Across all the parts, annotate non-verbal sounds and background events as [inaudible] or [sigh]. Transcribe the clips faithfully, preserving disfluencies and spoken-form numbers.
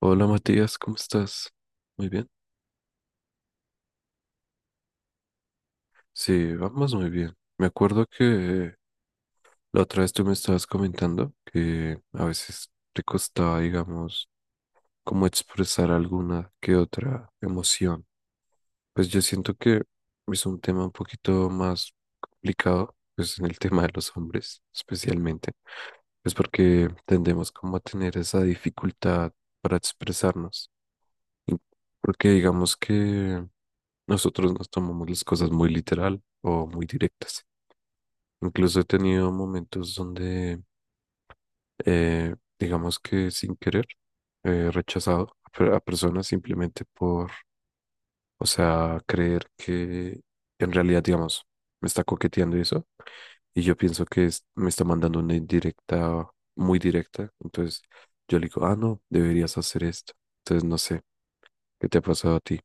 Hola Matías, ¿cómo estás? Muy bien. Sí, vamos muy bien. Me acuerdo que la otra vez tú me estabas comentando que a veces te costaba, digamos, como expresar alguna que otra emoción. Pues yo siento que es un tema un poquito más complicado, pues en el [laughs] tema de los hombres especialmente, pues porque tendemos como a tener esa dificultad para expresarnos. Y porque digamos que nosotros nos tomamos las cosas muy literal o muy directas. Incluso he tenido momentos donde, eh, digamos que sin querer, he rechazado a per- a personas simplemente por, o sea, creer que en realidad, digamos, me está coqueteando y eso. Y yo pienso que es- me está mandando una indirecta, muy directa. Entonces yo le digo, ah, no, deberías hacer esto. Entonces no sé, ¿qué te ha pasado a ti?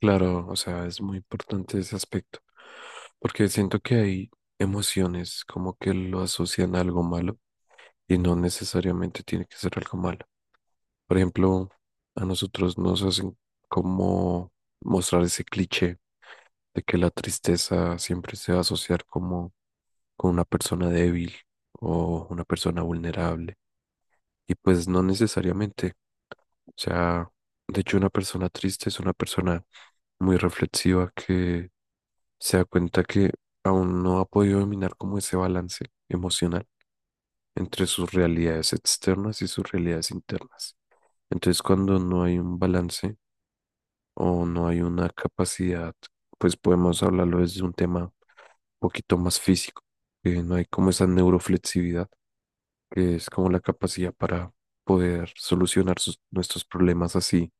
Claro, o sea, es muy importante ese aspecto, porque siento que hay emociones como que lo asocian a algo malo y no necesariamente tiene que ser algo malo. Por ejemplo, a nosotros nos hacen como mostrar ese cliché de que la tristeza siempre se va a asociar como con una persona débil o una persona vulnerable. Y pues no necesariamente. O sea, de hecho, una persona triste es una persona muy reflexiva que se da cuenta que aún no ha podido dominar como ese balance emocional entre sus realidades externas y sus realidades internas. Entonces, cuando no hay un balance o no hay una capacidad, pues podemos hablarlo desde un tema un poquito más físico, que no hay como esa neuroflexibilidad, que es como la capacidad para poder solucionar sus- nuestros problemas así,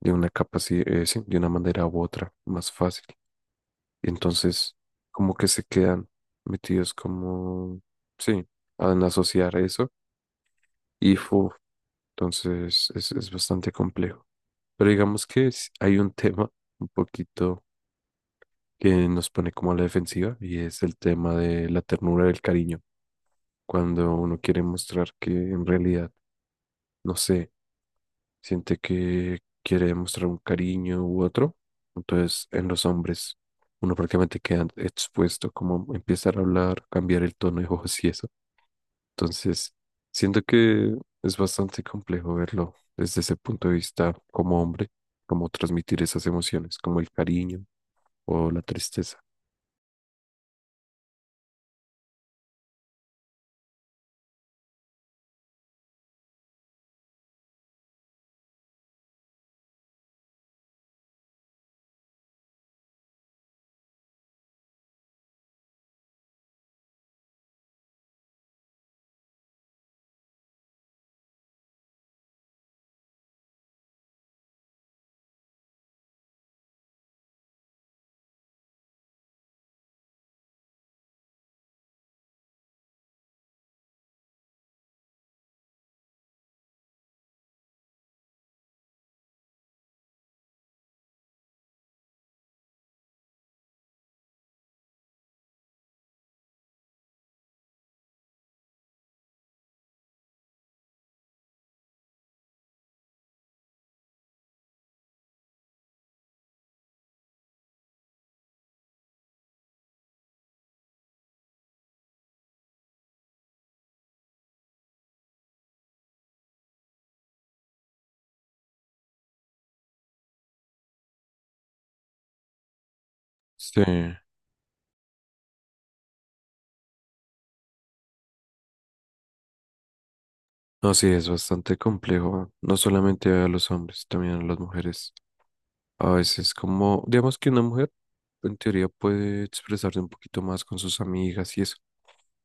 de una capacidad, de una manera u otra, más fácil. Y entonces, como que se quedan metidos como, sí, en asociar eso. Y fu, entonces es, es bastante complejo. Pero digamos que es- hay un tema un poquito que nos pone como a la defensiva y es el tema de la ternura del cariño. Cuando uno quiere mostrar que en realidad, no sé, siente que quiere demostrar un cariño u otro. Entonces, en los hombres, uno prácticamente queda expuesto como empezar a hablar, cambiar el tono de voz y eso. Entonces, siento que es bastante complejo verlo desde ese punto de vista como hombre, como transmitir esas emociones, como el cariño o la tristeza. Sí, no, sí, es bastante complejo, no solamente a los hombres, también a las mujeres. A veces como, digamos que una mujer en teoría puede expresarse un poquito más con sus amigas y eso,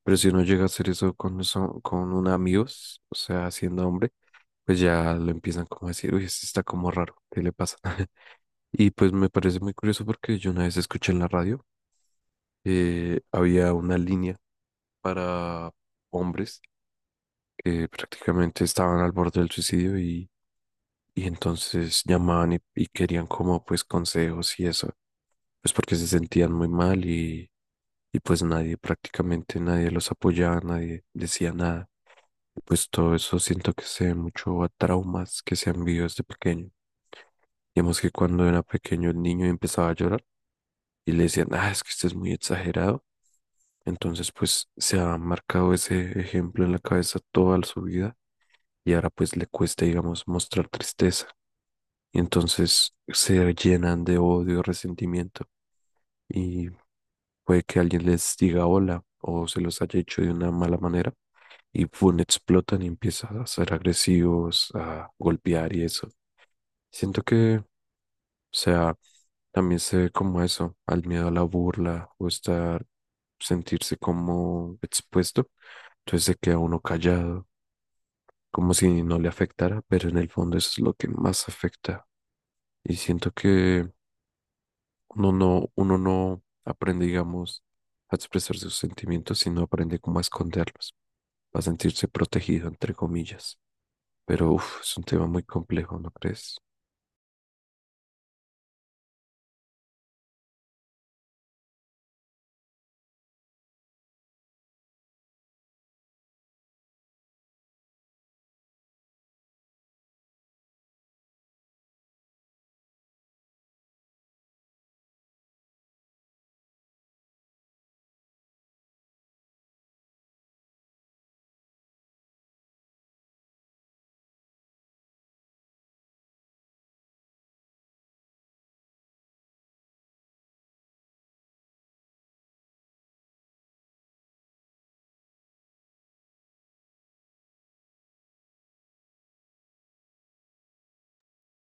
pero si no llega a hacer eso con, eso con un amigos, o sea, siendo hombre, pues ya lo empiezan como a decir, uy, este está como raro, ¿qué le pasa? [laughs] Y pues me parece muy curioso porque yo una vez escuché en la radio, eh, había una línea para hombres que prácticamente estaban al borde del suicidio y, y entonces llamaban y, y querían como pues consejos y eso, pues porque se sentían muy mal y y pues nadie, prácticamente nadie los apoyaba, nadie decía nada. Pues todo eso siento que se ve mucho a traumas que se han vivido desde pequeño. Digamos que cuando era pequeño el niño empezaba a llorar y le decían, ah, es que usted es muy exagerado. Entonces, pues se ha marcado ese ejemplo en la cabeza toda su vida y ahora pues le cuesta, digamos, mostrar tristeza. Y entonces se llenan de odio, resentimiento y puede que alguien les diga hola o se los haya hecho de una mala manera y pum, explotan y empiezan a ser agresivos, a golpear y eso. Siento que, o sea, también se ve como eso, al miedo a la burla o estar, sentirse como expuesto. Entonces se queda uno callado, como si no le afectara, pero en el fondo eso es lo que más afecta. Y siento que uno no, uno no aprende, digamos, a expresar sus sentimientos, sino aprende cómo a esconderlos, a sentirse protegido, entre comillas. Pero uf, es un tema muy complejo, ¿no crees?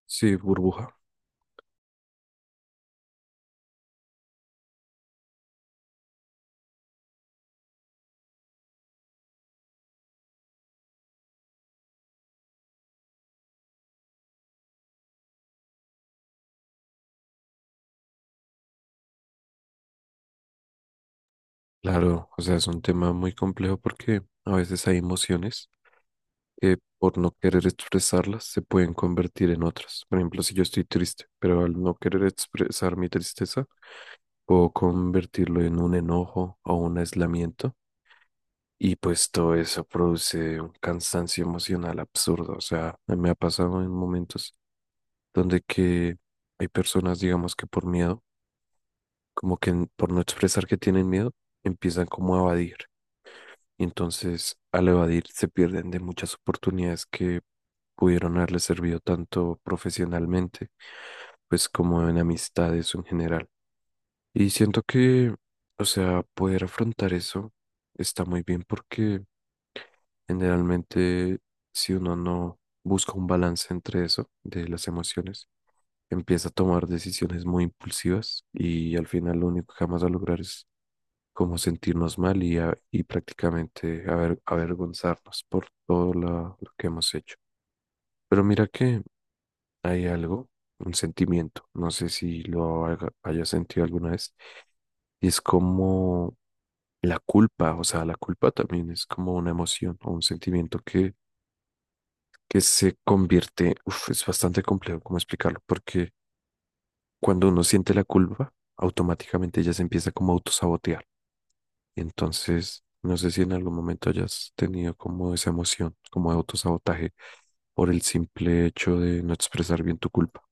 Sí, burbuja. Claro, o sea, es un tema muy complejo porque a veces hay emociones que por no querer expresarlas se pueden convertir en otras. Por ejemplo, si yo estoy triste, pero al no querer expresar mi tristeza, puedo convertirlo en un enojo o un aislamiento. Y pues todo eso produce un cansancio emocional absurdo. O sea, me ha pasado en momentos donde que hay personas, digamos que por miedo, como que n- por no expresar que tienen miedo, empiezan como a evadir. Y entonces al evadir se pierden de muchas oportunidades que pudieron haberles servido tanto profesionalmente, pues como en amistades o en general. Y siento que, o sea, poder afrontar eso está muy bien porque generalmente, si uno no busca un balance entre eso, de las emociones, empieza a tomar decisiones muy impulsivas y al final lo único que vamos a lograr es como sentirnos mal y, a- y prácticamente aver- avergonzarnos por todo la- lo que hemos hecho. Pero mira que hay algo, un sentimiento, no sé si lo haga- hayas sentido alguna vez, y es como la culpa, o sea, la culpa también es como una emoción o un sentimiento que que se convierte, uf, es bastante complejo cómo explicarlo, porque cuando uno siente la culpa, automáticamente ya se empieza como a autosabotear. Entonces, no sé si en algún momento hayas tenido como esa emoción, como de autosabotaje, por el simple hecho de no expresar bien tu culpa.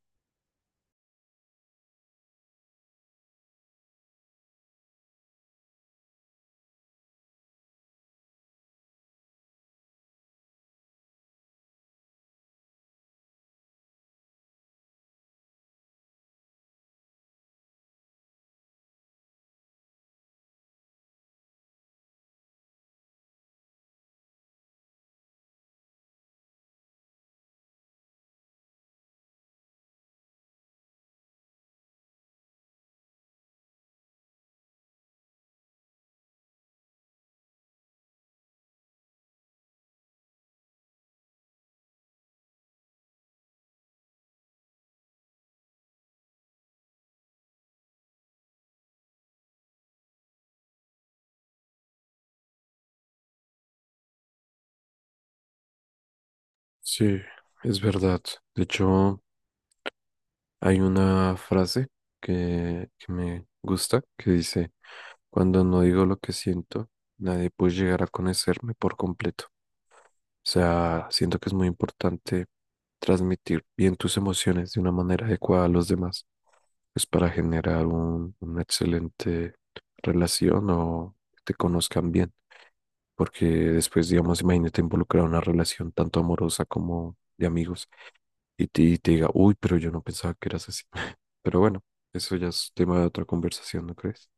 Sí, es verdad. De hecho, hay una frase que, que me gusta que dice, cuando no digo lo que siento, nadie puede llegar a conocerme por completo. O sea, siento que es muy importante transmitir bien tus emociones de una manera adecuada a los demás, pues para generar un, una excelente relación o que te conozcan bien. Porque después, digamos, imagínate involucrar una relación tanto amorosa como de amigos y te, y te diga, uy, pero yo no pensaba que eras así. [laughs] Pero bueno, eso ya es tema de otra conversación, ¿no crees?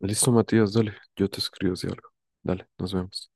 Listo, Matías, dale, yo te escribo si algo. Dale, nos vemos.